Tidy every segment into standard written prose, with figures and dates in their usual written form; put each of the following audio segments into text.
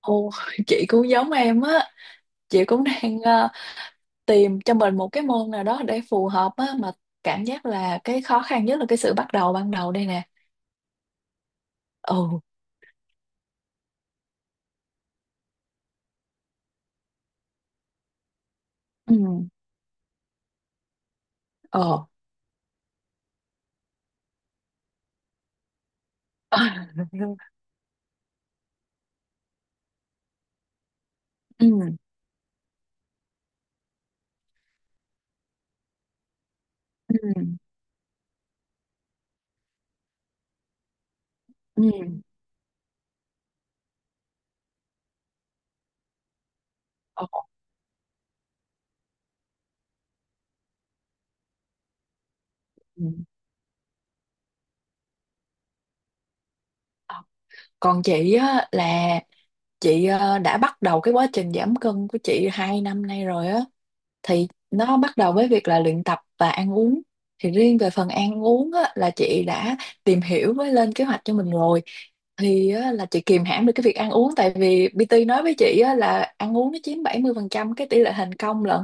Ồ, chị cũng giống em á, chị cũng đang tìm cho mình một cái môn nào đó để phù hợp á. Mà cảm giác là cái khó khăn nhất là cái sự bắt đầu ban đầu đây nè. Ừ. Ừ. Ờ. Ừ. Ừ. Ừ. Ồ. Còn chị á là chị đã bắt đầu cái quá trình giảm cân của chị 2 năm nay rồi á. Thì nó bắt đầu với việc là luyện tập và ăn uống. Thì riêng về phần ăn uống á, là chị đã tìm hiểu với lên kế hoạch cho mình rồi. Thì á, là chị kìm hãm được cái việc ăn uống, tại vì PT nói với chị á, là ăn uống nó chiếm 70% cái tỷ lệ thành công lận.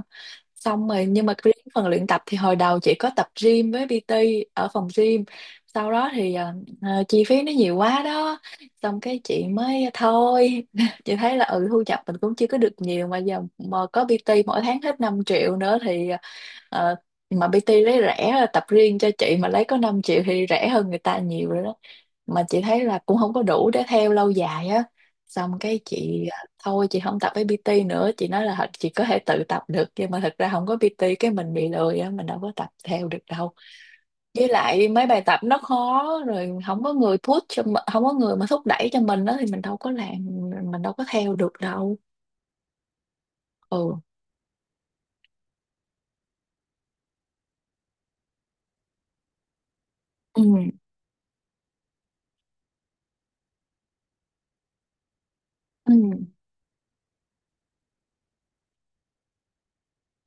Xong rồi, nhưng mà riêng phần luyện tập thì hồi đầu chị có tập gym với PT ở phòng gym. Sau đó thì chi phí nó nhiều quá đó, xong cái chị mới thôi. Chị thấy là ừ, thu nhập mình cũng chưa có được nhiều, mà giờ mà có PT mỗi tháng hết 5 triệu nữa thì ờ, mà PT lấy rẻ tập riêng cho chị mà lấy có 5 triệu thì rẻ hơn người ta nhiều rồi đó. Mà chị thấy là cũng không có đủ để theo lâu dài á. Xong cái chị thôi chị không tập với PT nữa. Chị nói là chị có thể tự tập được, nhưng mà thật ra không có PT cái mình bị lười á, mình đâu có tập theo được đâu. Với lại mấy bài tập nó khó rồi, không có người không có người mà thúc đẩy cho mình đó thì mình đâu có làm, mình đâu có theo được đâu. Ừ. Ừ. Ừ.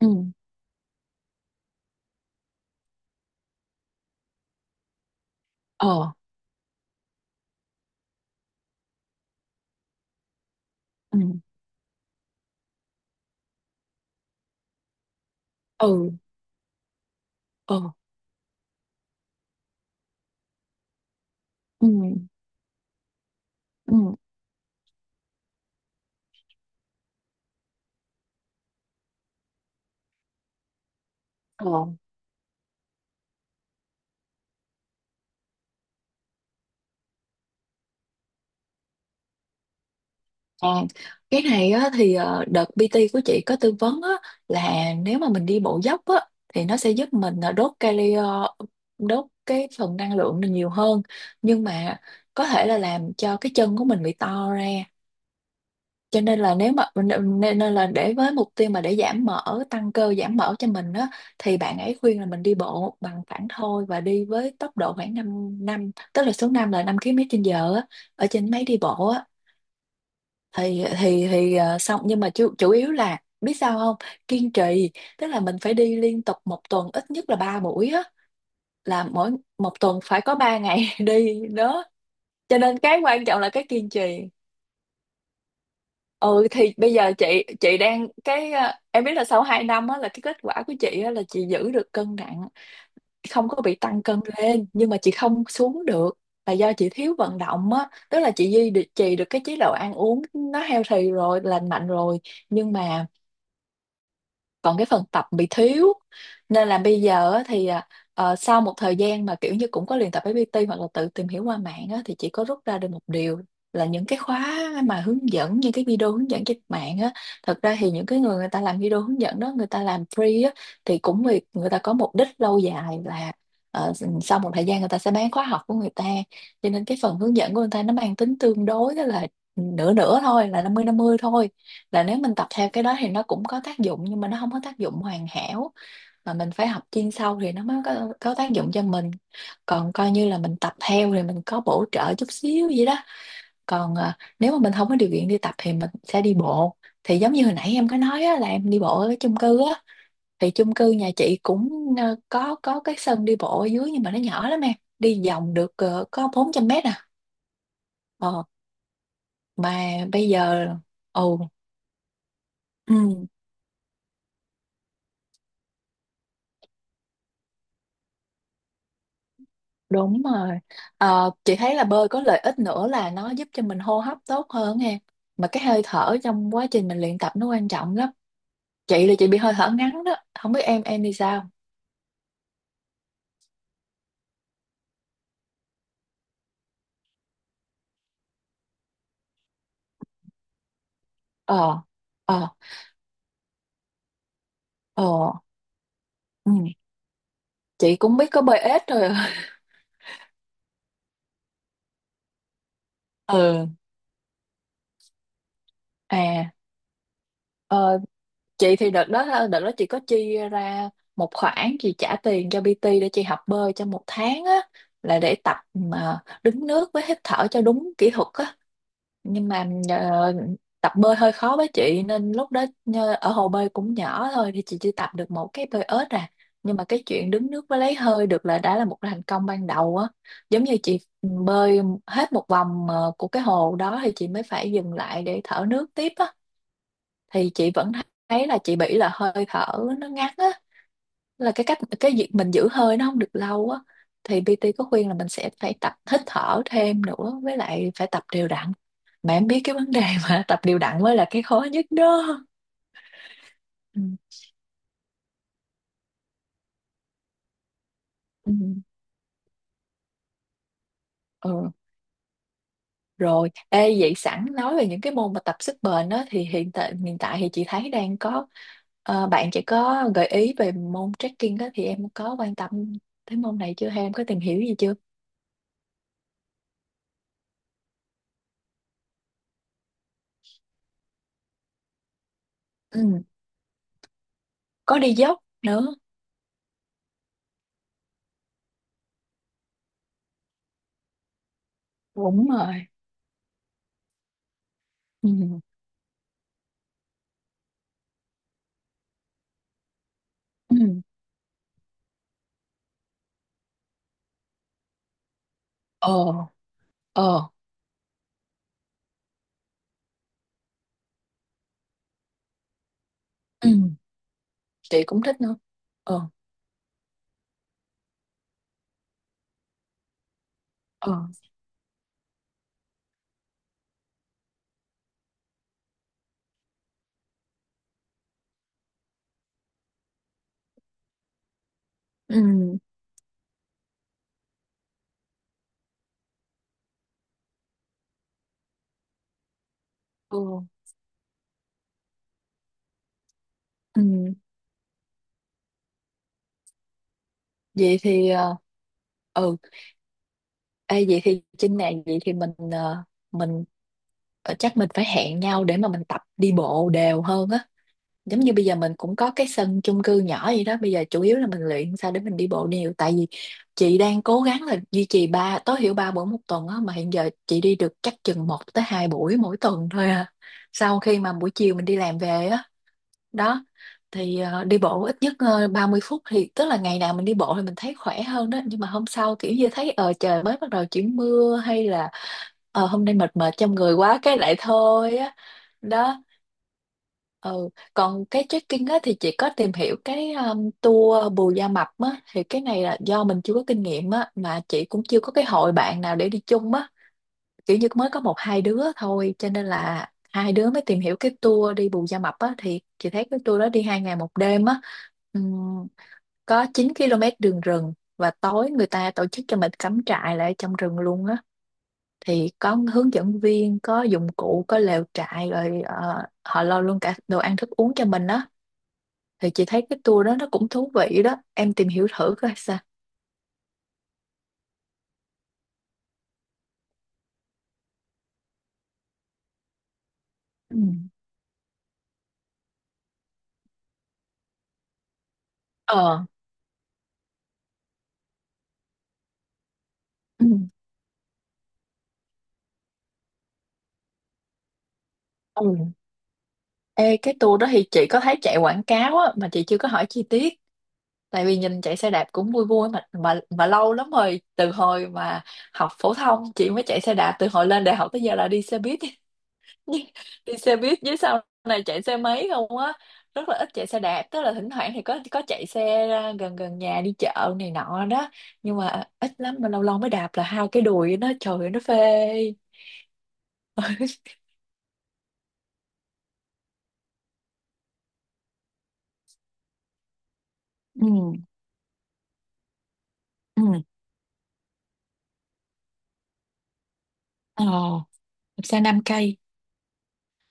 Ừ. Ờ. Ừ. Ừ. Ờ. Ừ. Ừ. Ờ. À, cái này á thì đợt PT của chị có tư vấn á, là nếu mà mình đi bộ dốc á thì nó sẽ giúp mình đốt cali, đốt cái phần năng lượng này nhiều hơn, nhưng mà có thể là làm cho cái chân của mình bị to ra. Cho nên là nếu mà nên nên là để với mục tiêu mà để giảm mỡ tăng cơ giảm mỡ cho mình á, thì bạn ấy khuyên là mình đi bộ bằng phẳng thôi, và đi với tốc độ khoảng 5 năm, tức là số 5 là 5 km trên giờ á, ở trên máy đi bộ á. Xong nhưng mà chủ yếu là biết sao không? Kiên trì. Tức là mình phải đi liên tục một tuần ít nhất là 3 buổi á, là mỗi một tuần phải có 3 ngày đi đó. Cho nên cái quan trọng là cái kiên trì. Ừ, thì bây giờ chị đang cái em biết là sau 2 năm á là cái kết quả của chị á là chị giữ được cân nặng không có bị tăng cân lên, nhưng mà chị không xuống được. Là do chị thiếu vận động á, tức là chị trì được cái chế độ ăn uống nó healthy rồi, lành mạnh rồi, nhưng mà còn cái phần tập bị thiếu. Nên là bây giờ á thì sau một thời gian mà kiểu như cũng có luyện tập với PT hoặc là tự tìm hiểu qua mạng á, thì chị có rút ra được một điều là những cái khóa mà hướng dẫn, những cái video hướng dẫn trên mạng á, thật ra thì những cái người người ta làm video hướng dẫn đó người ta làm free á, thì cũng vì người ta có mục đích lâu dài là ờ, sau một thời gian người ta sẽ bán khóa học của người ta. Cho nên cái phần hướng dẫn của người ta nó mang tính tương đối, đó là nửa nửa thôi, là 50/50 thôi. Là nếu mình tập theo cái đó thì nó cũng có tác dụng, nhưng mà nó không có tác dụng hoàn hảo. Mà mình phải học chuyên sâu thì nó mới có tác dụng cho mình. Còn coi như là mình tập theo thì mình có bổ trợ chút xíu vậy đó. Còn nếu mà mình không có điều kiện đi tập thì mình sẽ đi bộ. Thì giống như hồi nãy em có nói á, là em đi bộ ở cái chung cư á, thì chung cư nhà chị cũng có cái sân đi bộ ở dưới, nhưng mà nó nhỏ lắm em, đi vòng được có 400 mét à. ờ, mà bây giờ. Ồ. Ừ. Đúng rồi. Ờ, chị thấy là bơi có lợi ích nữa là nó giúp cho mình hô hấp tốt hơn nghe. Mà cái hơi thở trong quá trình mình luyện tập nó quan trọng lắm. Chị là chị bị hơi thở ngắn đó. Không biết em đi sao? Ờ. Ờ. Ờ. Ừ. Chị cũng biết có bơi ếch rồi. Ừ. À. Ờ, chị thì đợt đó, đợt đó chị có chi ra một khoản chị trả tiền cho PT để chị học bơi trong 1 tháng á, là để tập mà đứng nước với hít thở cho đúng kỹ thuật á. Nhưng mà tập bơi hơi khó với chị, nên lúc đó ở hồ bơi cũng nhỏ thôi, thì chị chỉ tập được một cái bơi ếch à. Nhưng mà cái chuyện đứng nước với lấy hơi được là đã là một thành công ban đầu á. Giống như chị ừ, bơi hết một vòng của cái hồ đó thì chị mới phải dừng lại để thở nước tiếp á. Thì chị vẫn thấy là chị bị là hơi thở nó ngắn á, là cái cách cái việc mình giữ hơi nó không được lâu á. Thì PT có khuyên là mình sẽ phải tập hít thở thêm nữa, với lại phải tập đều đặn. Mà em biết cái vấn đề mà tập đều đặn mới là cái khó nhất đó. Ừ. Ừ. Ừ. Rồi ê vậy sẵn nói về những cái môn mà tập sức bền đó, thì hiện tại thì chị thấy đang có bạn chị có gợi ý về môn trekking đó, thì em có quan tâm tới môn này chưa, hay em có tìm hiểu gì chưa? Ừ. Có đi dốc nữa. Đúng rồi. Ừ. Ừ. Ờ. Ờ. Ừ. Chị cũng thích nữa. Ờ. Ờ. Ừ. Ừ. Ừ. Vậy thì ừ. Ê, vậy thì trên này vậy thì mình chắc mình phải hẹn nhau để mà mình tập đi bộ đều hơn á. Giống như bây giờ mình cũng có cái sân chung cư nhỏ vậy đó, bây giờ chủ yếu là mình luyện sao để mình đi bộ đều, tại vì chị đang cố gắng là duy trì ba, tối thiểu ba buổi một tuần á, mà hiện giờ chị đi được chắc chừng một tới hai buổi mỗi tuần thôi à, sau khi mà buổi chiều mình đi làm về á. Đó, thì đi bộ ít nhất 30 phút, thì tức là ngày nào mình đi bộ thì mình thấy khỏe hơn đó, nhưng mà hôm sau kiểu như thấy ờ trời mới bắt đầu chuyển mưa hay là ờ hôm nay mệt mệt trong người quá cái lại thôi á. Đó. Ừ, còn cái trekking á thì chị có tìm hiểu cái tour Bù Gia Mập á, thì cái này là do mình chưa có kinh nghiệm á, mà chị cũng chưa có cái hội bạn nào để đi chung á, kiểu như mới có một hai đứa thôi, cho nên là hai đứa mới tìm hiểu cái tour đi Bù Gia Mập á. Thì chị thấy cái tour đó đi 2 ngày 1 đêm á, ừm, có 9 km đường rừng, và tối người ta tổ chức cho mình cắm trại lại trong rừng luôn á. Thì có hướng dẫn viên, có dụng cụ, có lều trại, rồi họ lo luôn cả đồ ăn thức uống cho mình á. Thì chị thấy cái tour đó nó cũng thú vị đó, em tìm hiểu thử coi sao. Ừ. Ờ. Ừ. Ừ. Ê, cái tour đó thì chị có thấy chạy quảng cáo á, mà chị chưa có hỏi chi tiết. Tại vì nhìn chạy xe đạp cũng vui vui, mà lâu lắm rồi từ hồi mà học phổ thông chị mới chạy xe đạp, từ hồi lên đại học tới giờ là đi xe buýt. Đi xe buýt với sau này chạy xe máy không á, rất là ít chạy xe đạp, tức là thỉnh thoảng thì có chạy xe ra gần gần nhà đi chợ này nọ đó. Nhưng mà ít lắm, mà lâu lâu mới đạp là hai cái đùi nó trời ơi, nó phê. Ừ. Ừ. Ờ. Đạp xe 5 cây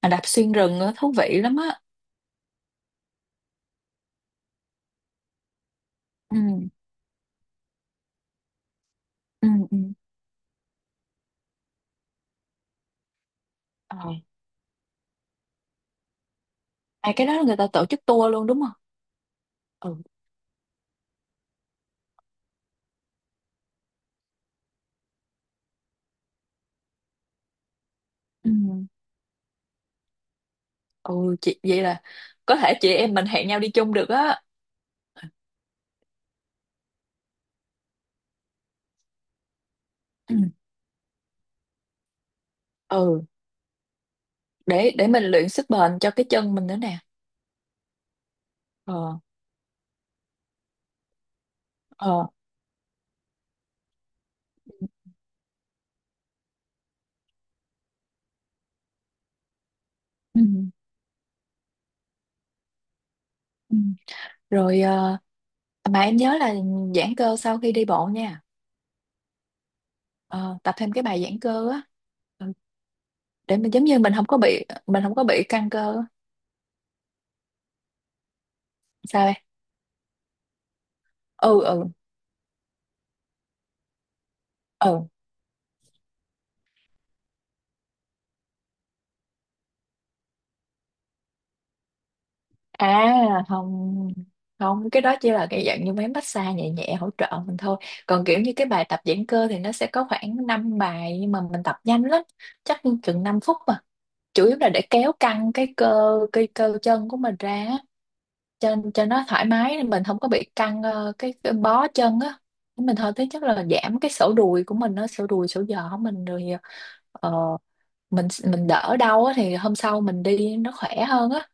mà đạp xuyên rừng á thú vị lắm á. Ừ. Ừ. Ừ. Ờ. À, cái đó là người ta tổ chức tour luôn đúng không? Ừ. Ừ. Ừ, chị vậy là có thể chị em mình hẹn nhau đi chung được á. Ừ. Ừ, để mình luyện sức bền cho cái chân mình nữa nè. Ờ. Ờ. Ừ. Ừ. Rồi mà em nhớ là giãn cơ sau khi đi bộ nha. Ờ, tập thêm cái bài giãn cơ á. Ừ, để mình giống như mình không có bị mình không có bị căng cơ á. Sao em? Ừ. Ừ. Ừ. À không, không cái đó chỉ là cái dạng như mấy massage nhẹ nhẹ hỗ trợ mình thôi. Còn kiểu như cái bài tập giãn cơ thì nó sẽ có khoảng 5 bài, nhưng mà mình tập nhanh lắm, chắc chừng 5 phút mà, chủ yếu là để kéo căng cái cơ chân của mình ra á, cho nó thoải mái mình không có bị căng cái bó chân á mình thôi, thế chắc là giảm cái sổ đùi của mình, nó sổ đùi sổ giò của mình rồi ờ, mình đỡ đau á thì hôm sau mình đi nó khỏe hơn á.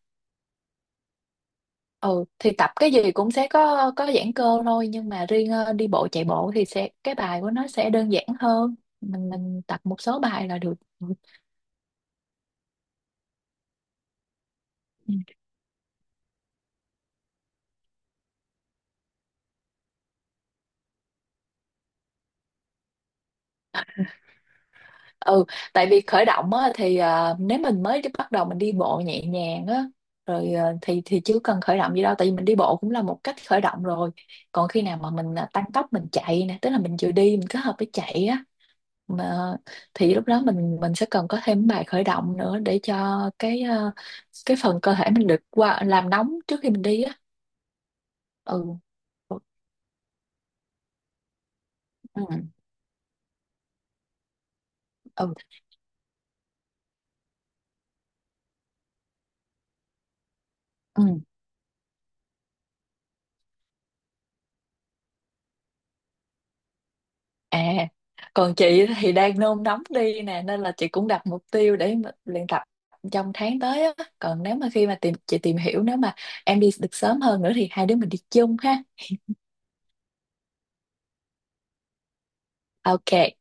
Ừ thì tập cái gì cũng sẽ có giãn cơ thôi, nhưng mà riêng đi bộ chạy bộ thì sẽ cái bài của nó sẽ đơn giản hơn, mình tập một số bài là được. Ừ. Ừ, tại vì khởi động á, thì nếu mình mới bắt đầu mình đi bộ nhẹ nhàng á rồi ờ, thì chứ cần khởi động gì đâu, tại vì mình đi bộ cũng là một cách khởi động rồi. Còn khi nào mà mình tăng tốc mình chạy nè, tức là mình vừa đi mình kết hợp với chạy á mà, thì lúc đó mình sẽ cần có thêm bài khởi động nữa, để cho cái cái phần cơ thể mình được qua làm nóng trước khi mình đi á. Ừ. Ừ. Ừ. Ừ. À, còn chị thì đang nôn nóng đi nè, nên là chị cũng đặt mục tiêu để mà luyện tập trong tháng tới á. Còn nếu mà khi mà chị tìm hiểu nếu mà em đi được sớm hơn nữa thì hai đứa mình đi chung ha. OK.